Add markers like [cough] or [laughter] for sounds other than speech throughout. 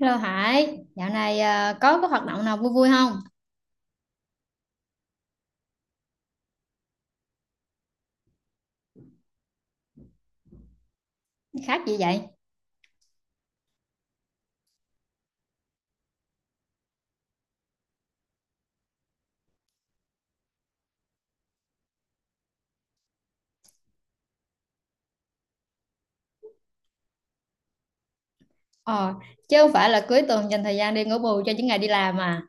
Hello Hải, dạo này à, có cái hoạt động nào vui vui không? Khác gì vậy? Ờ, chứ không phải là cuối tuần dành thời gian đi ngủ bù cho những ngày đi làm à.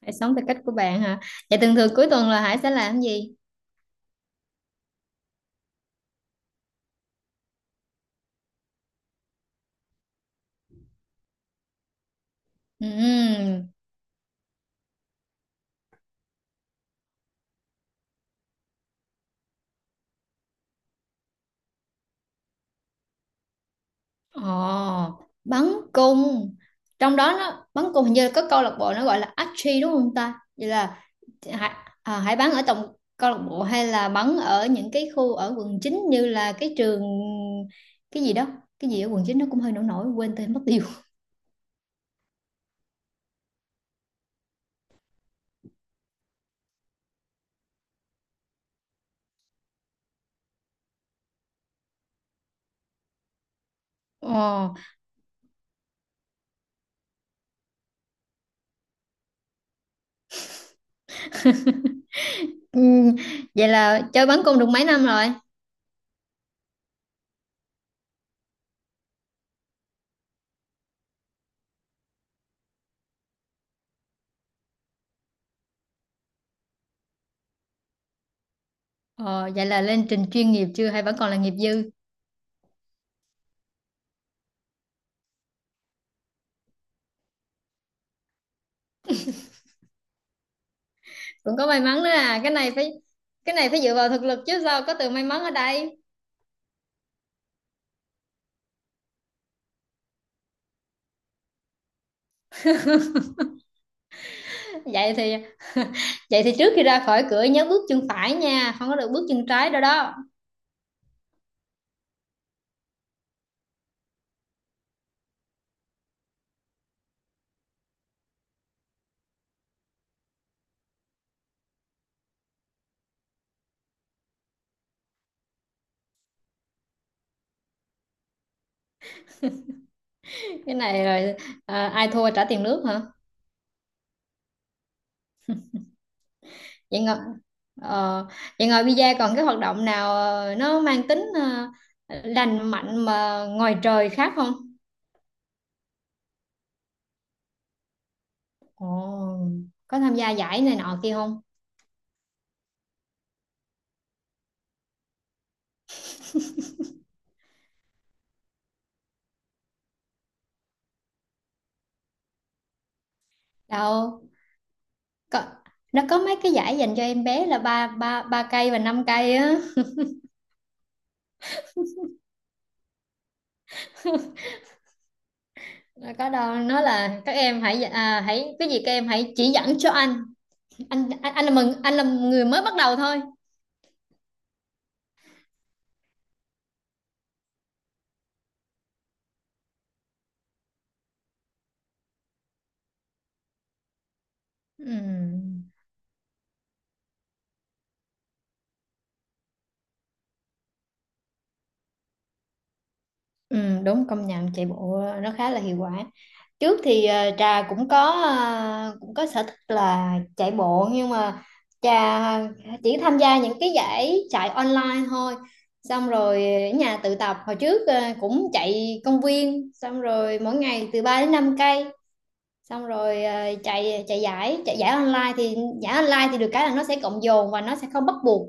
Hãy sống theo cách của bạn hả? Vậy thường thường cuối tuần là Hải sẽ làm cái gì? Ừm. Ồ, bắn cung. Trong đó nó bắn cung hình như có câu lạc bộ nó gọi là archery đúng không ta? Vậy là Hải, Hải bắn ở trong câu lạc bộ hay là bắn ở những cái khu ở quận 9 như là cái trường cái gì đó? Cái gì ở quận 9 nó cũng hơi nổi nổi quên tên mất tiêu. Ồ. Ừ, vậy là chơi bắn cung được mấy năm rồi? Ờ, vậy là lên trình chuyên nghiệp chưa hay vẫn còn là nghiệp dư? Cũng có may mắn nữa à, cái này phải dựa vào thực lực chứ sao có từ may mắn ở đây. Vậy thì [laughs] vậy thì trước khi ra khỏi cửa nhớ bước chân phải nha, không có được bước chân trái đâu đó. Cái này rồi à, ai thua trả tiền nước hả? Vậy ngồi ờ, vậy ngồi bida còn cái hoạt động nào nó mang tính lành mạnh mà ngoài trời khác không? Ồ, có tham gia giải này nọ kia không? Đâu có, nó có mấy cái giải dành cho em bé là ba ba ba cây và 5 cây á. Nó có đâu, nó là các em hãy à, hãy cái gì các em hãy chỉ dẫn cho anh, anh là mừng anh là người mới bắt đầu thôi. Ừm. Ừ, đúng công nhận chạy bộ nó khá là hiệu quả. Trước thì trà cũng có, cũng có sở thích là chạy bộ nhưng mà trà chỉ tham gia những cái giải chạy online thôi, xong rồi ở nhà tự tập. Hồi trước cũng chạy công viên, xong rồi mỗi ngày từ 3 đến 5 cây, xong rồi chạy chạy giải online thì được cái là nó sẽ cộng dồn và nó sẽ không bắt buộc.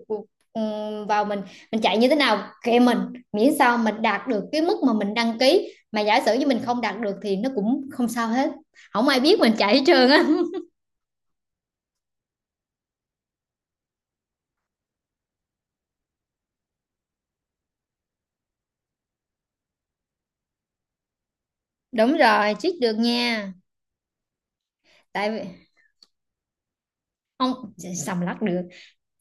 Vào mình chạy như thế nào kệ mình, miễn sao mình đạt được cái mức mà mình đăng ký, mà giả sử như mình không đạt được thì nó cũng không sao hết, không ai biết mình chạy hết trơn á. [laughs] Đúng rồi, cheat được nha. Tại vì không sầm lắc được,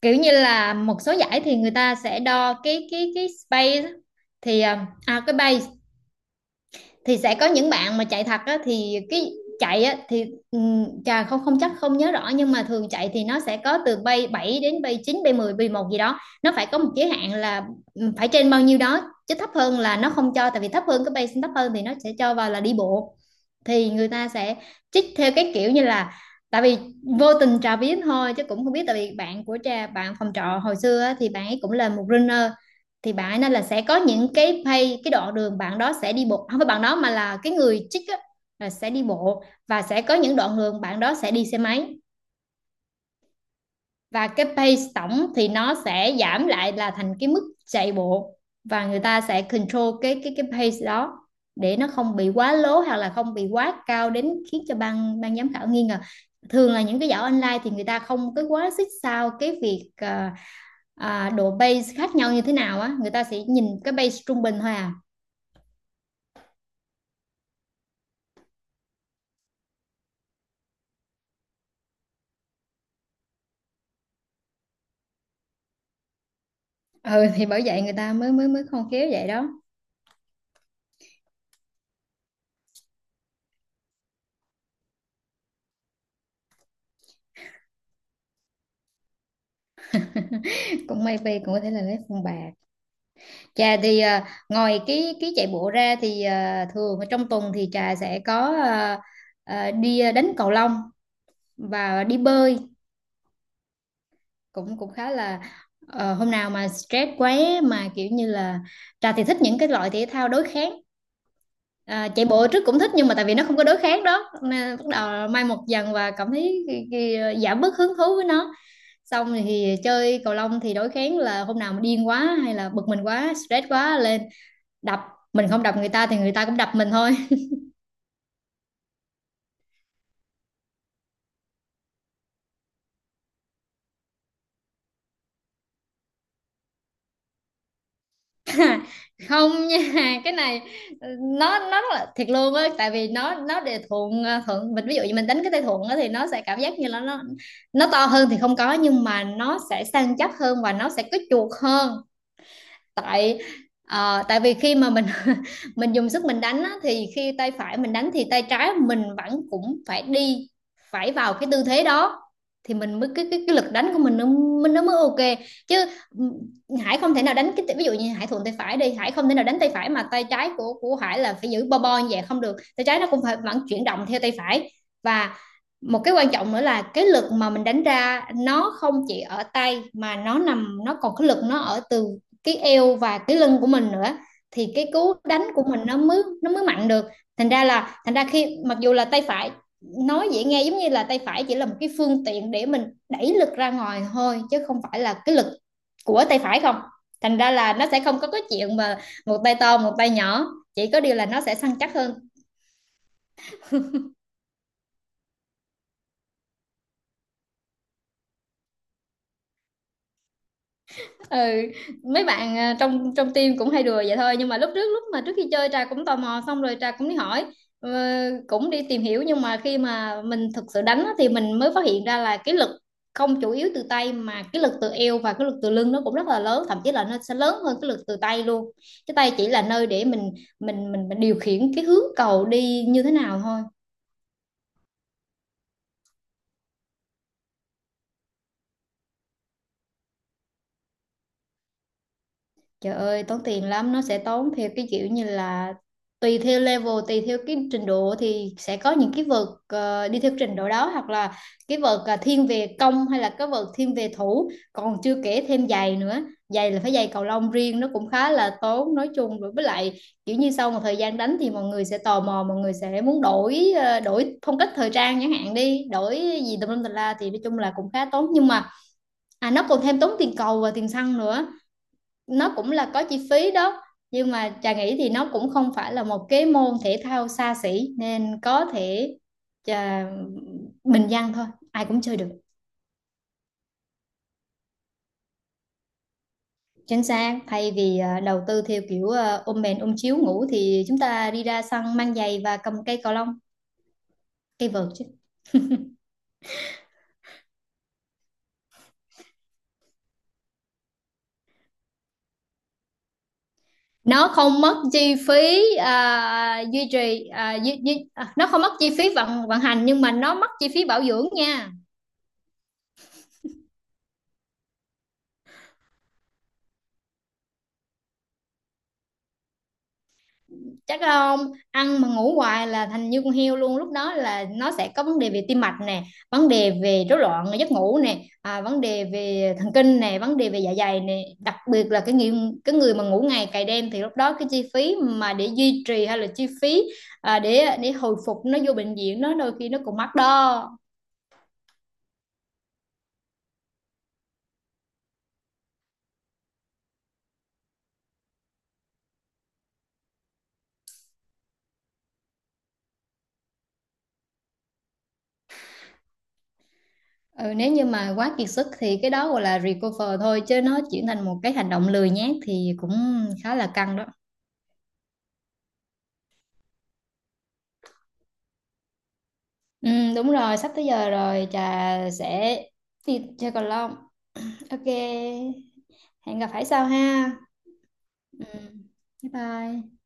kiểu như là một số giải thì người ta sẽ đo cái space á, thì cái base thì sẽ có những bạn mà chạy thật á, thì cái chạy á, thì chà, không không chắc không nhớ rõ, nhưng mà thường chạy thì nó sẽ có từ bay 7 đến bay chín, bay mười, bay mười một gì đó, nó phải có một giới hạn là phải trên bao nhiêu đó, chứ thấp hơn là nó không cho. Tại vì thấp hơn cái bay thấp hơn thì nó sẽ cho vào là đi bộ, thì người ta sẽ trích theo cái kiểu như là, tại vì vô tình trà biết thôi chứ cũng không biết, tại vì bạn của trà, bạn phòng trọ hồi xưa á, thì bạn ấy cũng là một runner, thì bạn ấy nên là sẽ có những cái pay, cái đoạn đường bạn đó sẽ đi bộ, không phải bạn đó mà là cái người chích á, là sẽ đi bộ, và sẽ có những đoạn đường bạn đó sẽ đi xe máy, và cái pace tổng thì nó sẽ giảm lại là thành cái mức chạy bộ, và người ta sẽ control cái pace đó để nó không bị quá lố hoặc là không bị quá cao đến khiến cho ban ban giám khảo nghi ngờ. Thường là những cái giải online thì người ta không có quá xích sao cái việc độ base khác nhau như thế nào á, người ta sẽ nhìn cái base trung bình thôi à. Ừ thì bởi vậy người ta mới mới mới khôn khéo vậy đó. [laughs] Cũng maybe, cũng có thể là lấy phong bạc. Trà thì ngoài cái chạy bộ ra thì thường ở trong tuần thì trà sẽ có, đi đánh cầu lông và đi bơi, cũng cũng khá là, hôm nào mà stress quá, mà kiểu như là, trà thì thích những cái loại thể thao đối kháng. À, chạy bộ trước cũng thích nhưng mà tại vì nó không có đối kháng đó nên bắt đầu mai một dần và cảm thấy giảm bớt hứng thú với nó, xong thì chơi cầu lông thì đối kháng, là hôm nào mà điên quá hay là bực mình quá stress quá lên đập. Mình không đập người ta thì người ta cũng đập mình thôi. [laughs] Không nha, cái này ừ, nó rất là thiệt luôn á, tại vì nó để thuận mình, ví dụ như mình đánh cái tay thuận á thì nó sẽ cảm giác như là nó to hơn thì không có, nhưng mà nó sẽ săn chắc hơn và nó sẽ có chuột hơn. Tại ờ, tại vì khi mà mình [laughs] mình dùng sức mình đánh á, thì khi tay phải mình đánh thì tay trái mình vẫn cũng phải đi, phải vào cái tư thế đó thì mình mới, cái lực đánh của mình nó, mình nó mới ok chứ. Ừ, Hải không thể nào đánh cái, ví dụ như Hải thuận tay phải đi, Hải không thể nào đánh tay phải mà tay trái của Hải là phải giữ bo bo như vậy, không được, tay trái nó cũng phải vẫn chuyển động theo tay phải. Và một cái quan trọng nữa là cái lực mà mình đánh ra nó không chỉ ở tay, mà nó nằm, nó còn cái lực nó ở từ cái eo và cái lưng của mình nữa, thì cái cú đánh của mình nó mới, nó mới mạnh được. Thành ra khi mặc dù là tay phải, nói dễ nghe giống như là tay phải chỉ là một cái phương tiện để mình đẩy lực ra ngoài thôi chứ không phải là cái lực của tay phải không. Thành ra là nó sẽ không có cái chuyện mà một tay to một tay nhỏ, chỉ có điều là nó sẽ săn chắc hơn. Ừ, mấy bạn trong trong team cũng hay đùa vậy thôi, nhưng mà lúc trước, lúc mà trước khi chơi Trà cũng tò mò, xong rồi Trà cũng đi hỏi, ờ, cũng đi tìm hiểu, nhưng mà khi mà mình thực sự đánh á, thì mình mới phát hiện ra là cái lực không chủ yếu từ tay, mà cái lực từ eo và cái lực từ lưng nó cũng rất là lớn, thậm chí là nó sẽ lớn hơn cái lực từ tay luôn. Cái tay chỉ là nơi để mình điều khiển cái hướng cầu đi như thế nào thôi. Trời ơi, tốn tiền lắm, nó sẽ tốn theo cái kiểu như là tùy theo level, tùy theo cái trình độ thì sẽ có những cái vợt đi theo trình độ đó, hoặc là cái vợt thiên về công hay là cái vợt thiên về thủ, còn chưa kể thêm giày nữa. Giày là phải giày cầu lông riêng, nó cũng khá là tốn. Nói chung rồi, với lại kiểu như sau một thời gian đánh thì mọi người sẽ tò mò, mọi người sẽ muốn đổi phong cách thời trang chẳng hạn đi, đổi gì tùm lum tùm la, thì nói chung là cũng khá tốn, nhưng mà nó còn thêm tốn tiền cầu và tiền xăng nữa, nó cũng là có chi phí đó. Nhưng mà Trà nghĩ thì nó cũng không phải là một cái môn thể thao xa xỉ, nên có thể Trà bình dân thôi, ai cũng chơi được. Chính xác, thay vì đầu tư theo kiểu ôm mền ôm chiếu ngủ thì chúng ta đi ra sân mang giày và cầm cây cầu lông, cây vợt chứ. Nó không mất chi phí à, duy trì à, duy, duy, à, nó không mất chi phí vận vận hành, nhưng mà nó mất chi phí bảo dưỡng nha. Chắc không, ăn mà ngủ hoài là thành như con heo luôn, lúc đó là nó sẽ có vấn đề về tim mạch nè, vấn đề về rối loạn giấc ngủ nè, vấn đề về thần kinh nè, vấn đề về dạ dày nè, đặc biệt là cái người mà ngủ ngày cày đêm, thì lúc đó cái chi phí mà để duy trì hay là chi phí để hồi phục, nó vô bệnh viện nó đôi khi nó còn mắc đó. Ừ, nếu như mà quá kiệt sức thì cái đó gọi là recover thôi, chứ nó chuyển thành một cái hành động lười nhác thì cũng khá là căng đó. Ừ, đúng rồi, sắp tới giờ rồi, trà sẽ đi chơi cầu lông. Ok, hẹn gặp phải sau ha. Ừ, bye bye.